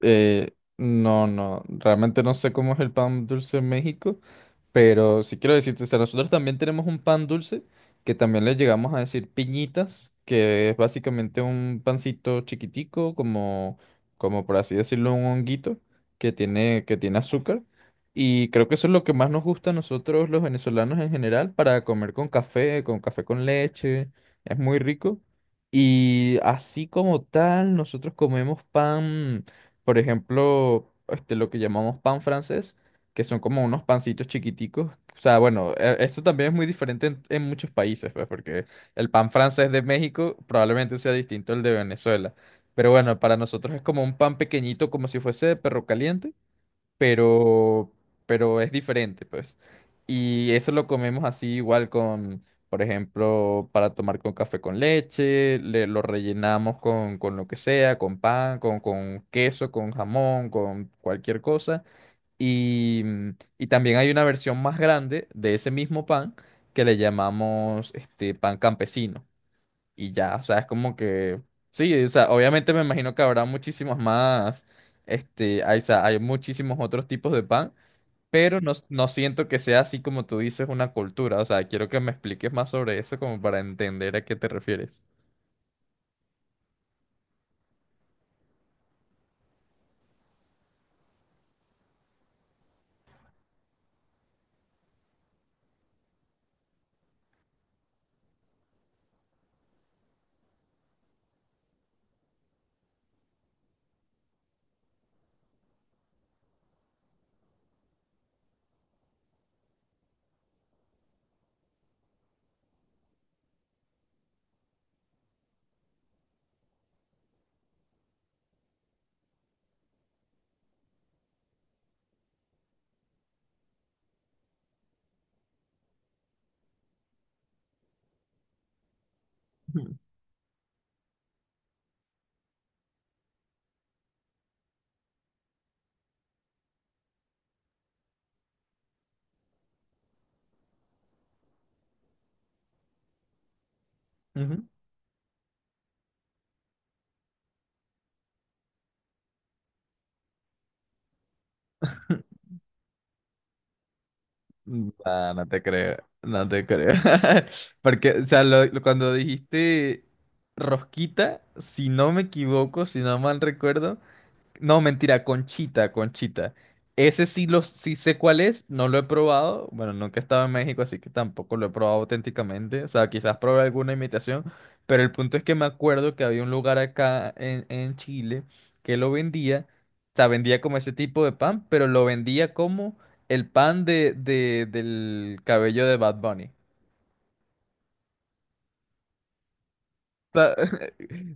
Eh, no, no, realmente no sé cómo es el pan dulce en México. Pero sí quiero decirte, o sea, nosotros también tenemos un pan dulce que también le llegamos a decir piñitas, que es básicamente un pancito chiquitico, como por así decirlo, un honguito que tiene azúcar. Y creo que eso es lo que más nos gusta a nosotros los venezolanos en general para comer con café, con café con leche. Es muy rico. Y así como tal, nosotros comemos pan, por ejemplo, este, lo que llamamos pan francés que son como unos pancitos chiquiticos. O sea, bueno, eso también es muy diferente en muchos países, pues, porque el pan francés de México probablemente sea distinto al de Venezuela. Pero bueno, para nosotros es como un pan pequeñito, como si fuese de perro caliente, pero, pero es diferente, pues. Y eso lo comemos así igual con, por ejemplo, para tomar con café con leche, lo rellenamos con lo que sea, con pan, con queso, con jamón, con cualquier cosa. Y, mm, y también hay una versión más grande de ese mismo pan que le llamamos este pan campesino. Y ya, o sea, es como que sí, o sea, obviamente me imagino que habrá muchísimos más, este, hay, o sea, hay muchísimos otros tipos de pan, pero no, no siento que sea así como tú dices una cultura. O sea, quiero que me expliques más sobre eso como para entender a qué te refieres. Ujú. Ujú. Nah, no te creo, no te creo. Porque, o sea, lo- cuando dijiste rosquita, si no me equivoco, si no mal recuerdo. No, mentira, Conchita, Conchita. Ese sí, lo, sí sé cuál es, no lo he probado. Bueno, nunca he estado en México, así que tampoco lo he probado auténticamente. O sea, quizás probé alguna imitación, pero el punto es que me acuerdo que había un lugar acá en Chile que lo vendía. O sea, vendía como ese tipo de pan, pero lo vendía como el pan de, del cabello de Bad Bunny. Pa-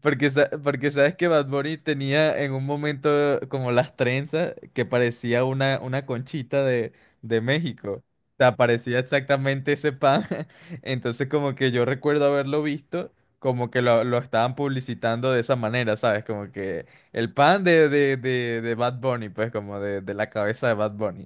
Porque, sa- porque sabes que Bad Bunny tenía en un momento como las trenzas que parecía una conchita de México. O sea, parecía exactamente ese pan. Entonces como que yo recuerdo haberlo visto como que lo estaban publicitando de esa manera, ¿sabes? Como que el pan de Bad Bunny, pues como de la cabeza de Bad Bunny.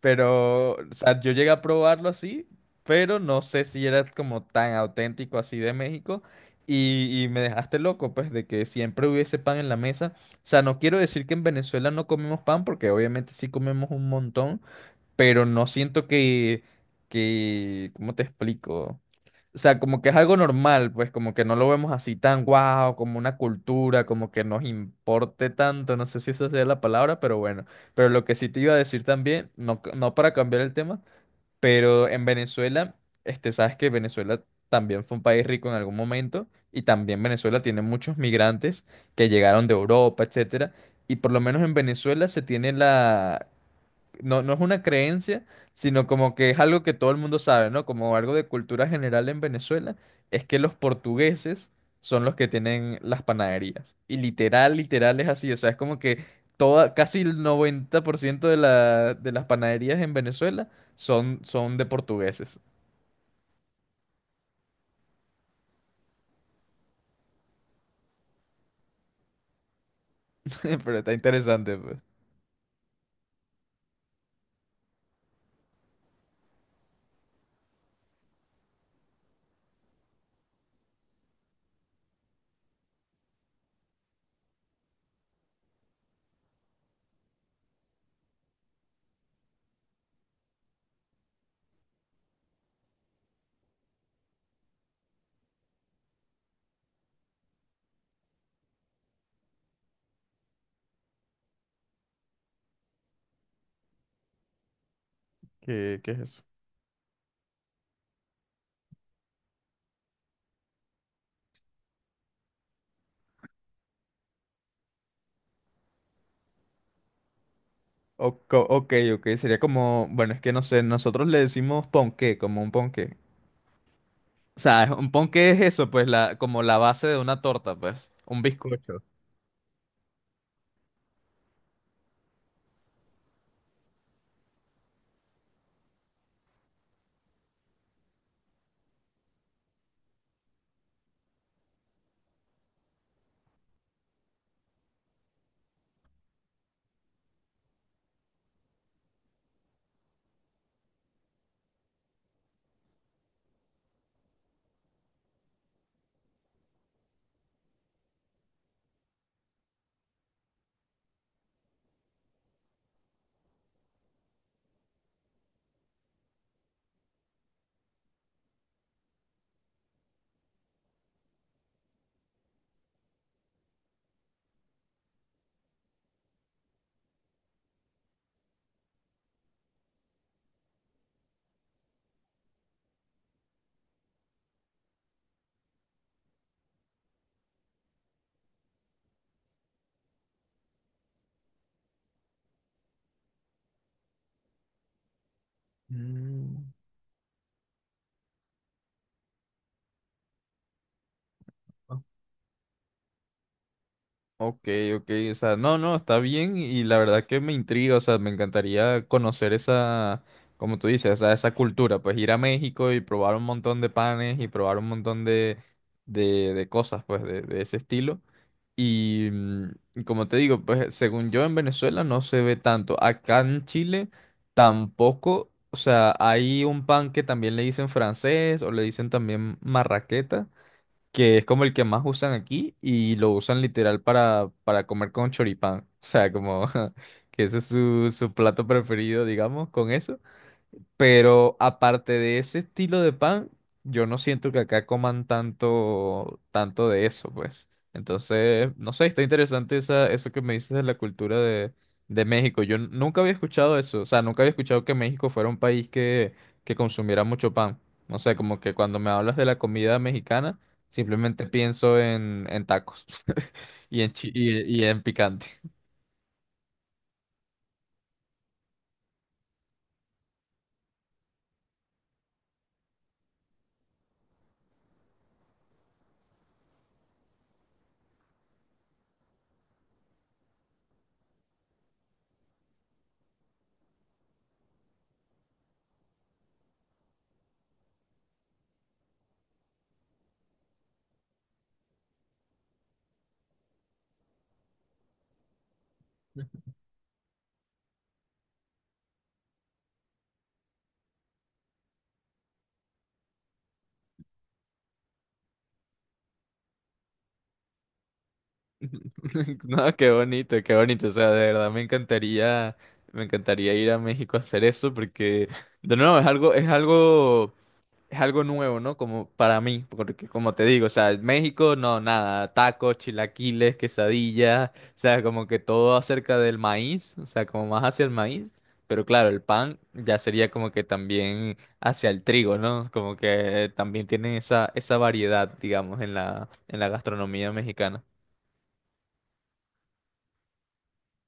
Pero, o sea, yo llegué a probarlo así, pero no sé si era como tan auténtico así de México. Y me dejaste loco, pues, de que siempre hubiese pan en la mesa. O sea, no quiero decir que en Venezuela no comemos pan, porque obviamente sí comemos un montón, pero no siento que, ¿cómo te explico? O sea, como que es algo normal, pues como que no lo vemos así tan guau, como una cultura, como que nos importe tanto, no sé si esa sea la palabra, pero bueno. Pero lo que sí te iba a decir también, no, no para cambiar el tema, pero en Venezuela, este, sabes que Venezuela también fue un país rico en algún momento y también Venezuela tiene muchos migrantes que llegaron de Europa, etcétera, y por lo menos en Venezuela se tiene la no, no es una creencia, sino como que es algo que todo el mundo sabe, ¿no? Como algo de cultura general en Venezuela, es que los portugueses son los que tienen las panaderías. Y literal, literal es así, o sea, es como que toda, casi el 90% de la, de las panaderías en Venezuela son, son de portugueses. Pero está interesante, pues. ¿Qué, qué es eso? Ok, ok, sería como, bueno, es que no sé, nosotros le decimos ponqué, como un ponqué. O sea, es un ponqué es eso, pues, la, como la base de una torta, pues. Un bizcocho. Mm. Ok, ok, o sea, no, no, está bien y la verdad que me intriga, o sea, me encantaría conocer esa, como tú dices, o sea, esa cultura, pues ir a México y probar un montón de panes y probar un montón de cosas, pues, de ese estilo. Y como te digo, pues según yo en Venezuela no se ve tanto. Acá en Chile tampoco. O sea, hay un pan que también le dicen francés o le dicen también marraqueta, que es como el que más usan aquí y lo usan literal para comer con choripán. O sea, como que ese es su, su plato preferido, digamos, con eso. Pero aparte de ese estilo de pan, yo no siento que acá coman tanto, tanto de eso, pues. Entonces, no sé, está interesante eso que me dices de la cultura de México. Yo n- nunca había escuchado eso, o sea, nunca había escuchado que México fuera un país que consumiera mucho pan. No sé, como que cuando me hablas de la comida mexicana, simplemente pienso en tacos y en picante. No, qué bonito, qué bonito. O sea, de verdad me encantaría ir a México a hacer eso porque, de nuevo, es algo nuevo, ¿no? Como para mí, porque como te digo, o sea, México, no, nada, tacos, chilaquiles, quesadillas, o sea, como que todo acerca del maíz, o sea, como más hacia el maíz. Pero claro, el pan ya sería como que también hacia el trigo, ¿no? Como que también tienen esa, esa variedad, digamos, en la gastronomía mexicana.